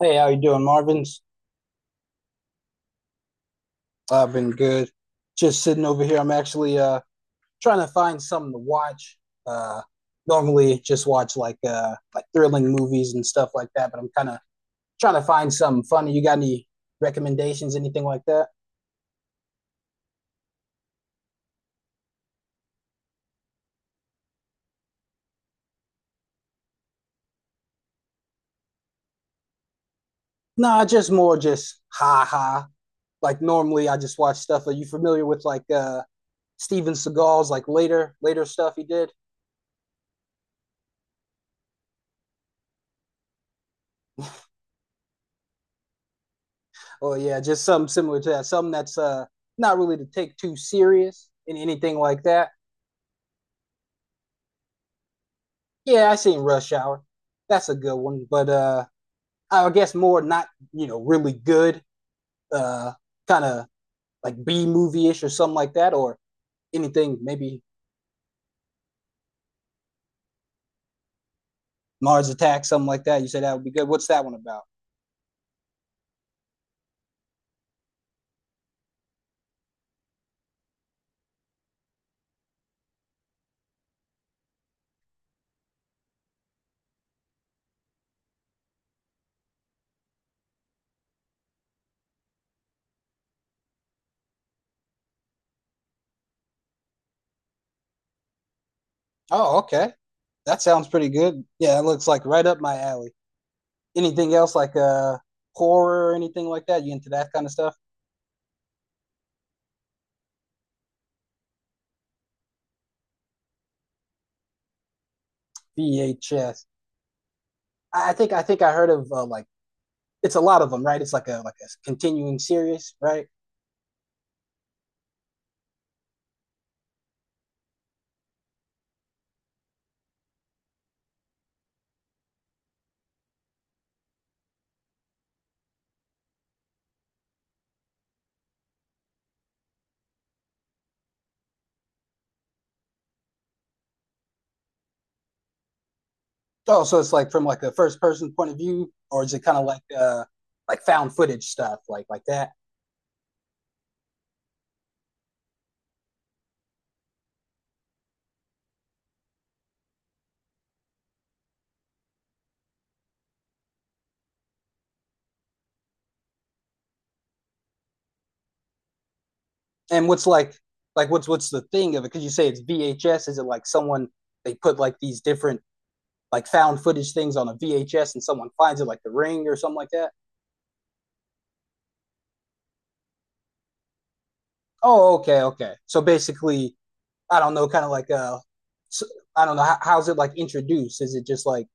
Hey, how you doing, Marvin's? I've been good. Just sitting over here. I'm actually trying to find something to watch. Uh Normally just watch like thrilling movies and stuff like that, but I'm kind of trying to find something funny. You got any recommendations, anything like that? No, just more just ha ha. Like normally I just watch stuff. Are you familiar with like Steven Seagal's like later stuff he did? Oh yeah, just something similar to that. Something that's not really to take too serious and anything like that. Yeah, I seen Rush Hour. That's a good one, but I guess more not really good, uh kind of like B movie ish or something like that, or anything maybe Mars Attacks, something like that. You said that would be good. What's that one about? Oh, okay, that sounds pretty good. Yeah, it looks like right up my alley. Anything else like horror or anything like that? You into that kind of stuff? VHS. I think I heard of like it's a lot of them, right? It's like a continuing series, right? Oh, so it's like from like a first person point of view, or is it kind of like found footage stuff, like that? And what's like what's the thing of it? Because you say it's VHS, is it like someone they put like these different like found footage things on a VHS and someone finds it, like The Ring or something like that? Oh, okay, okay. So basically, I don't know, kind of like s- I don't know, how's it like introduced? Is it just like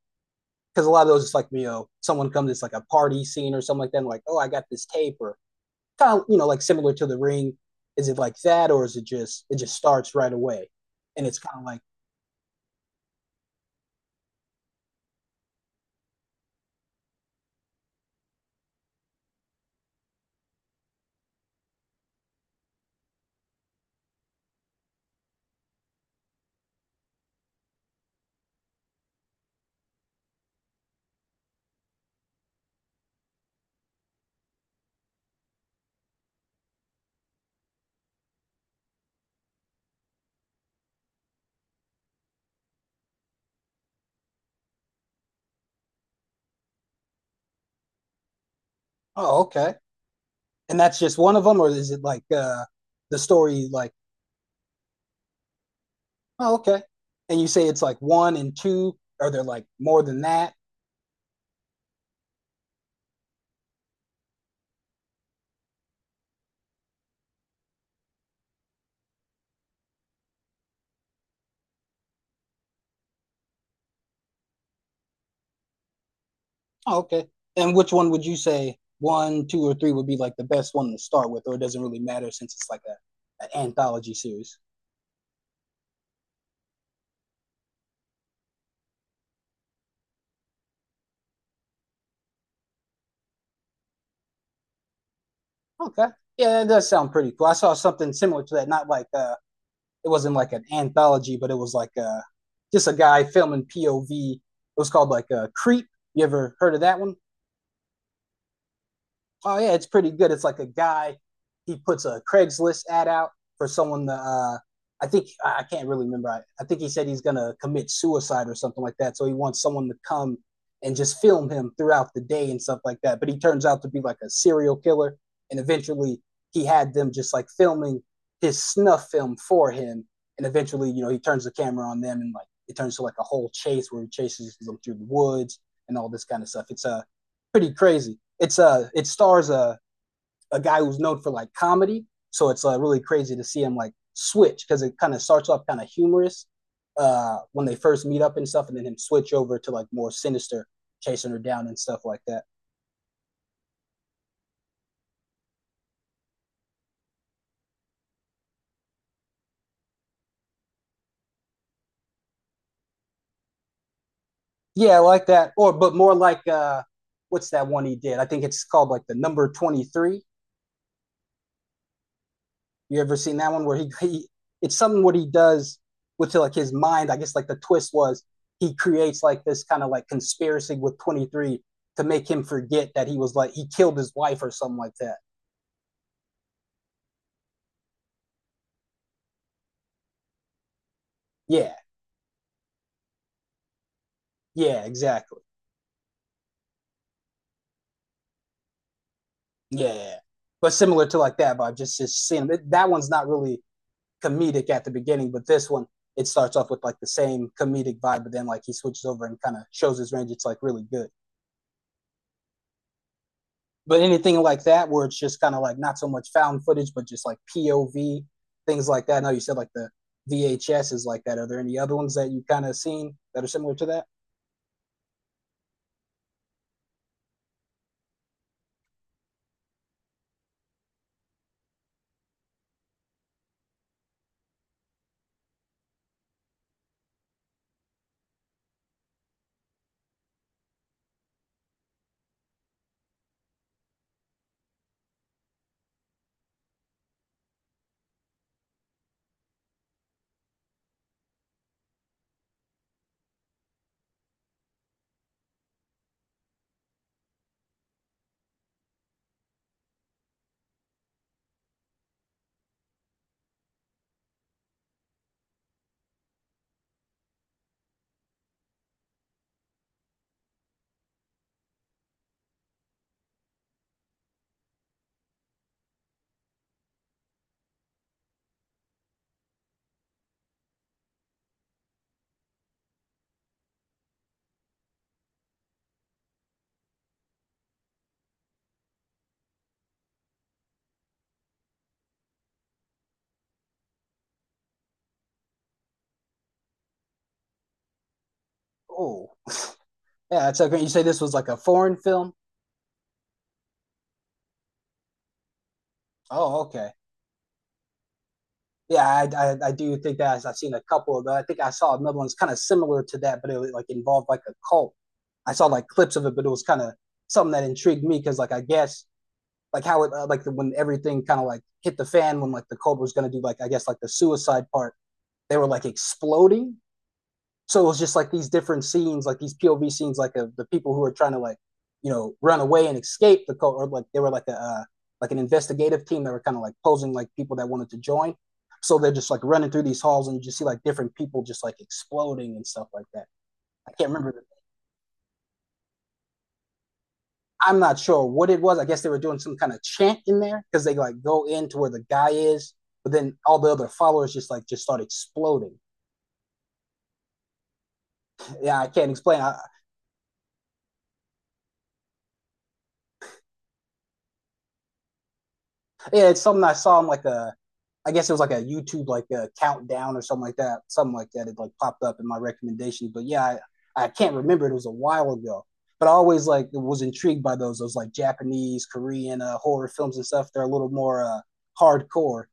because a lot of those it's like someone comes it's like a party scene or something like that and like oh I got this tape or kind of like similar to the ring is it like that or is it just starts right away and it's kind of like. Oh okay, and that's just one of them or is it like the story like. Oh okay, and you say it's like one and two or they're like more than that. Oh, okay, and which one would you say one two or three would be like the best one to start with or it doesn't really matter since it's like an anthology series? Okay. Yeah, that does sound pretty cool. I saw something similar to that. Not like it wasn't like an anthology, but it was like just a guy filming POV. It was called like Creep. You ever heard of that one? Oh yeah, it's pretty good. It's like a guy he puts a Craigslist ad out for someone to. I think I can't really remember. I think he said he's gonna commit suicide or something like that. So he wants someone to come and just film him throughout the day and stuff like that. But he turns out to be like a serial killer, and eventually he had them just like filming his snuff film for him. And eventually, he turns the camera on them, and like it turns to like a whole chase where he chases them through the woods and all this kind of stuff. It's a pretty crazy. It's it stars a guy who's known for like comedy, so it's really crazy to see him like switch because it kind of starts off kind of humorous when they first meet up and stuff, and then him switch over to like more sinister, chasing her down and stuff like that. Yeah, I like that. Or but more like what's that one he did? I think it's called like the number 23. You ever seen that one where he it's something what he does with like his mind. I guess like the twist was he creates like this kind of like conspiracy with 23 to make him forget that he was like he killed his wife or something like that. Yeah, yeah, exactly. Yeah, but similar to like that, but just seeing it, that one's not really comedic at the beginning, but this one it starts off with like the same comedic vibe, but then like he switches over and kind of shows his range. It's like really good. But anything like that where it's just kind of like not so much found footage, but just like POV things like that. I know you said like the VHS is like that. Are there any other ones that you kind of seen that are similar to that? Oh, yeah, that's okay. You say this was like a foreign film. Oh, okay. Yeah, I do think that I've seen a couple of those. I think I saw another one that's kind of similar to that, but it like involved like a cult. I saw like clips of it, but it was kind of something that intrigued me because like I guess like how it like when everything kind of like hit the fan when like the cobra was going to do like I guess like the suicide part, they were like exploding, so it was just like these different scenes, like these POV scenes, like of the people who are trying to like run away and escape the cobra, or like they were like a like an investigative team that were kind of like posing like people that wanted to join, so they're just like running through these halls and you just see like different people just like exploding and stuff like that. I can't remember. I'm not sure what it was. I guess they were doing some kind of chant in there because they like go into where the guy is, but then all the other followers just like just start exploding. Yeah, I can't explain. Yeah, it's something I saw on like I guess it was like a YouTube like a countdown or something like that, something like that. It like popped up in my recommendations, but yeah, I can't remember. It was a while ago, but I always like was intrigued by those like Japanese, Korean horror films and stuff. They're a little more hardcore.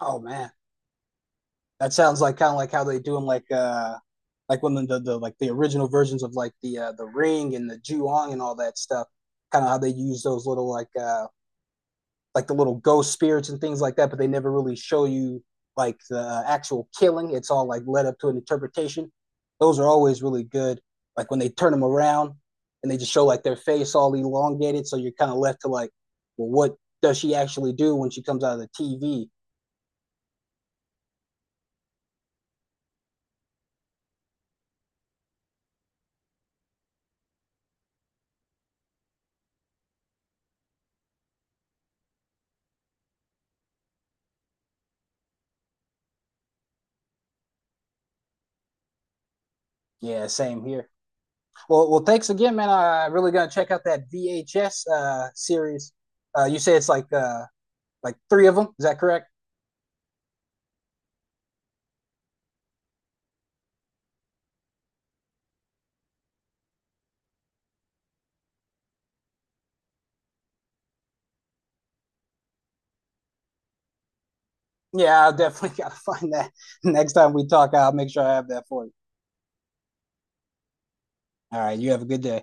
Oh man. That sounds like kind of like how they do them, like when the original versions of like the Ring and the Juong and all that stuff. Kind of how they use those little like the little ghost spirits and things like that, but they never really show you like the actual killing. It's all like led up to an interpretation. Those are always really good. Like when they turn them around and they just show like their face all elongated, so you're kind of left to like, well, what does she actually do when she comes out of the TV? Yeah, same here. Well, thanks again, man. I really gonna check out that VHS series. You say it's like three of them. Is that correct? Yeah, I definitely gotta find that next time we talk. I'll make sure I have that for you. All right, you have a good day.